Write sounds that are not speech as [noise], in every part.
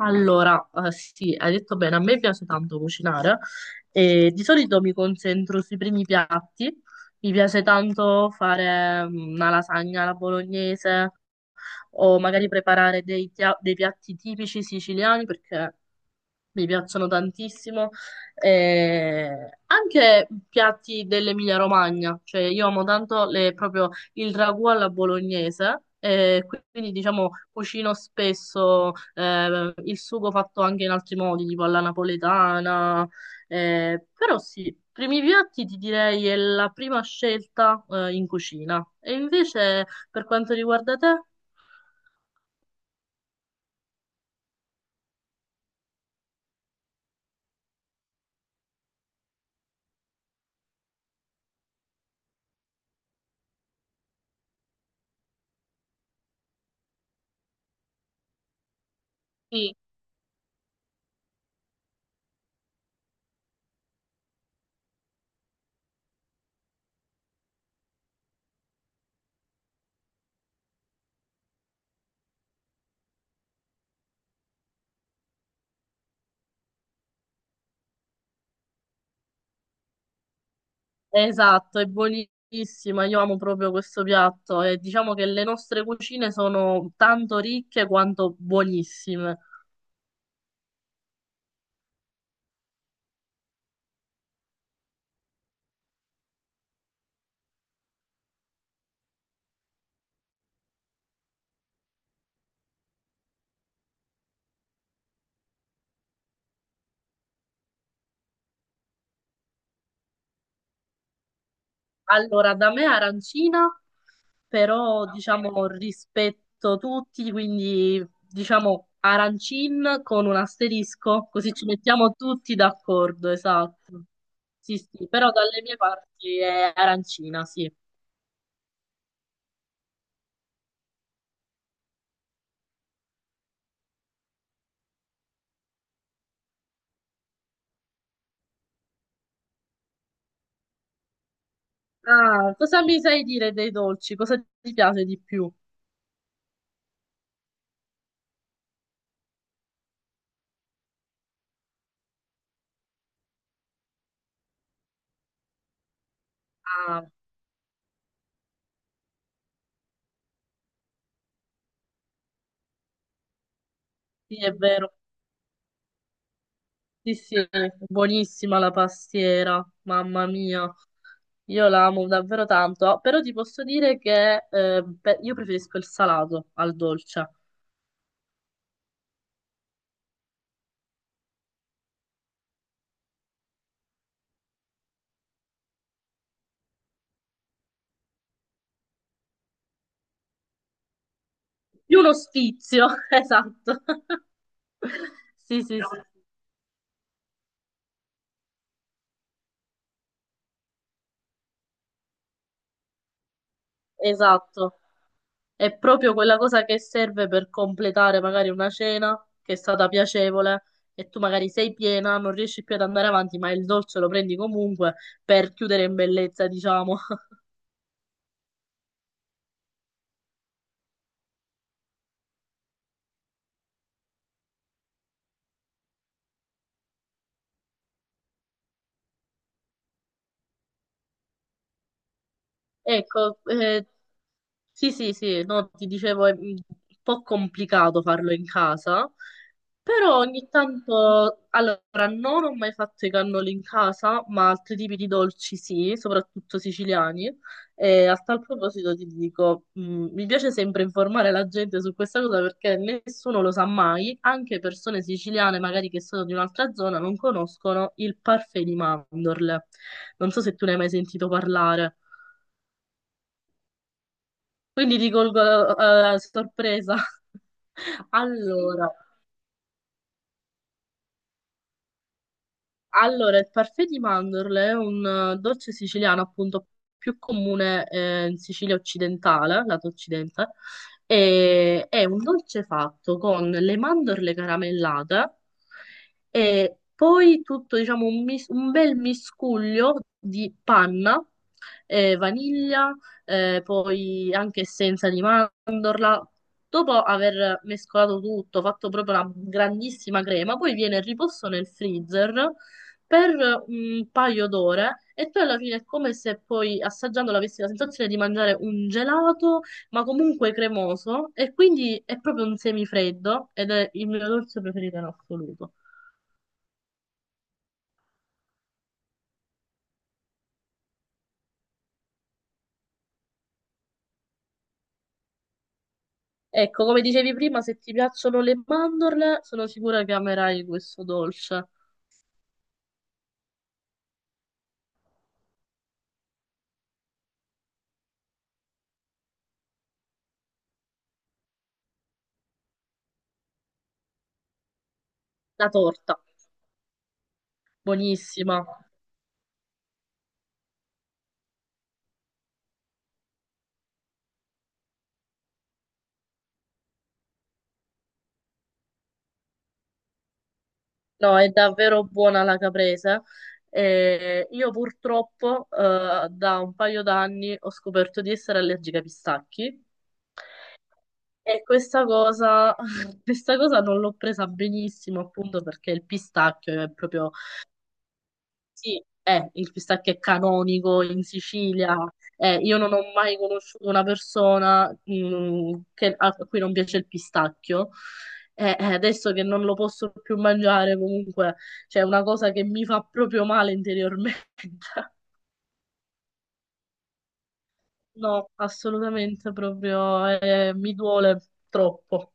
Allora, sì, hai detto bene, a me piace tanto cucinare e di solito mi concentro sui primi piatti, mi piace tanto fare una lasagna alla bolognese o magari preparare dei piatti tipici siciliani perché mi piacciono tantissimo. Anche piatti dell'Emilia-Romagna, cioè io amo tanto proprio il ragù alla bolognese. Quindi diciamo cucino spesso, il sugo fatto anche in altri modi, tipo alla napoletana, però sì, primi piatti ti direi è la prima scelta, in cucina. E invece per quanto riguarda te? Esatto, è buonissima, io amo proprio questo piatto e diciamo che le nostre cucine sono tanto ricche quanto buonissime. Allora, da me arancina, però diciamo rispetto tutti, quindi diciamo arancin con un asterisco, così ci mettiamo tutti d'accordo, esatto. Sì, sì, però dalle mie parti è arancina, sì. Ah, cosa mi sai dire dei dolci? Cosa ti piace di più? Ah, sì, è vero. Sì, sì, buonissima la pastiera, mamma mia, io la amo davvero tanto. Ah, però ti posso dire che, io preferisco il salato al dolce, più uno sfizio, [laughs] esatto, [laughs] sì, sì, sì, esatto, è proprio quella cosa che serve per completare magari una cena che è stata piacevole e tu magari sei piena, non riesci più ad andare avanti, ma il dolce lo prendi comunque per chiudere in bellezza, diciamo. Ecco, sì, sì, sì, no, ti dicevo è un po' complicato farlo in casa, però ogni tanto, allora, non ho mai fatto i cannoli in casa, ma altri tipi di dolci sì, soprattutto siciliani. E a tal proposito ti dico, mi piace sempre informare la gente su questa cosa perché nessuno lo sa mai, anche persone siciliane magari che sono di un'altra zona non conoscono il parfait di mandorle. Non so se tu ne hai mai sentito parlare. Quindi ti colgo a sorpresa. [laughs] Allora, il parfait di mandorle è un dolce siciliano appunto più comune, in Sicilia occidentale, lato occidente, e è un dolce fatto con le mandorle caramellate e poi tutto, diciamo, un bel miscuglio di panna, vaniglia, poi anche essenza di mandorla. Dopo aver mescolato tutto, fatto proprio una grandissima crema, poi viene riposto nel freezer per un paio d'ore e poi alla fine è come se poi assaggiandolo avessi la sensazione di mangiare un gelato, ma comunque cremoso e quindi è proprio un semifreddo ed è il mio dolce preferito in assoluto. Ecco, come dicevi prima, se ti piacciono le mandorle, sono sicura che amerai questo dolce. La torta, buonissima. No, è davvero buona la caprese. E io purtroppo, da un paio d'anni ho scoperto di essere allergica ai pistacchi. E questa cosa, [laughs] questa cosa non l'ho presa benissimo, appunto perché il pistacchio è proprio, sì, è, il pistacchio è canonico in Sicilia. Io non ho mai conosciuto una persona, a cui non piace il pistacchio. Adesso che non lo posso più mangiare, comunque, c'è una cosa che mi fa proprio male interiormente. [laughs] No, assolutamente proprio, mi duole troppo.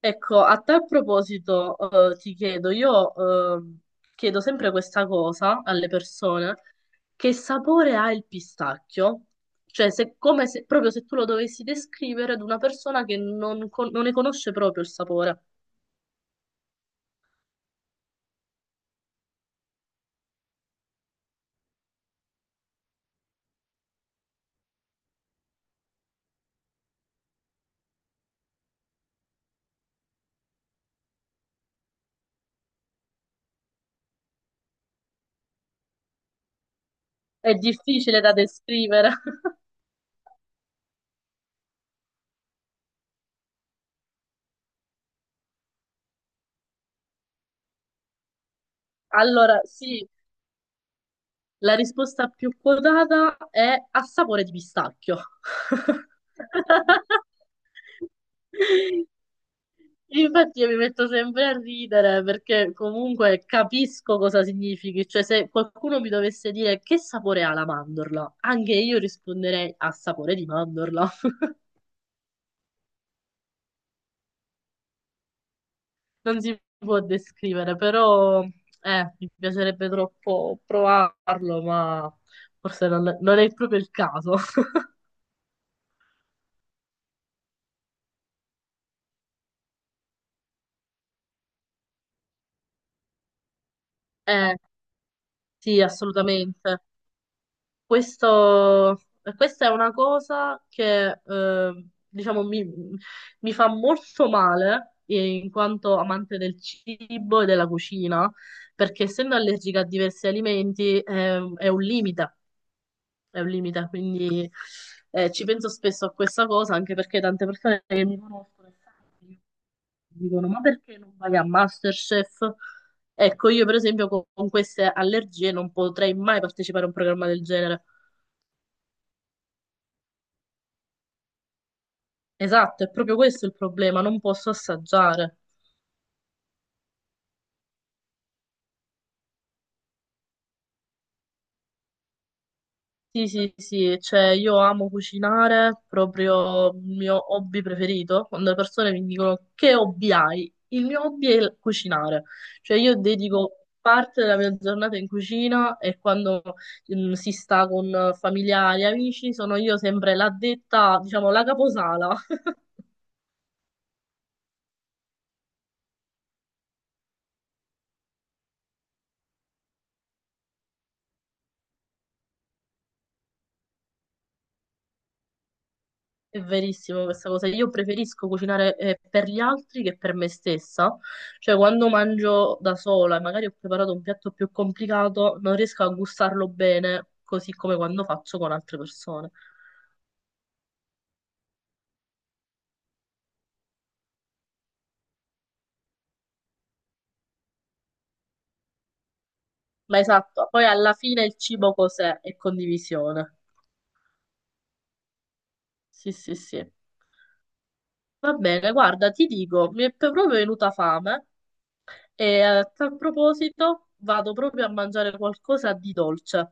Ecco, a tal proposito, ti chiedo, io ehm, chiedo sempre questa cosa alle persone, che sapore ha il pistacchio? Cioè, se, come se, proprio se tu lo dovessi descrivere ad una persona che non ne conosce proprio il sapore. È difficile da descrivere. [laughs] Allora, sì, la risposta più quotata è a sapore di pistacchio. [laughs] Infatti io mi metto sempre a ridere perché comunque capisco cosa significhi, cioè se qualcuno mi dovesse dire che sapore ha la mandorla, anche io risponderei a sapore di mandorla. [laughs] Non si può descrivere, però mi piacerebbe troppo provarlo, ma forse non è proprio il caso. [laughs] Eh, sì, assolutamente. Questo, Questa è una cosa che, diciamo, mi fa molto male, in quanto amante del cibo e della cucina, perché essendo allergica a diversi alimenti, è un limite, quindi ci penso spesso a questa cosa, anche perché tante persone che mi conoscono e sanno che io dicono, ma perché non vai a MasterChef? Ecco, io per esempio con queste allergie non potrei mai partecipare a un programma del genere. Esatto, è proprio questo il problema, non posso assaggiare. Sì, sì, sì, cioè io amo cucinare, proprio il mio hobby preferito. Quando le persone mi dicono che hobby hai, il mio hobby è il cucinare. Cioè io dedico parte della mia giornata in cucina e quando si sta con familiari, amici, sono io sempre l'addetta, diciamo, la caposala. È verissimo questa cosa. Io preferisco cucinare, per gli altri che per me stessa. Cioè, quando mangio da sola e magari ho preparato un piatto più complicato, non riesco a gustarlo bene, così come quando faccio con altre persone. Ma esatto, poi alla fine il cibo cos'è? È condivisione. Sì, sì, sì. Va bene, guarda, ti dico, mi è proprio venuta fame e a tal proposito vado proprio a mangiare qualcosa di dolce.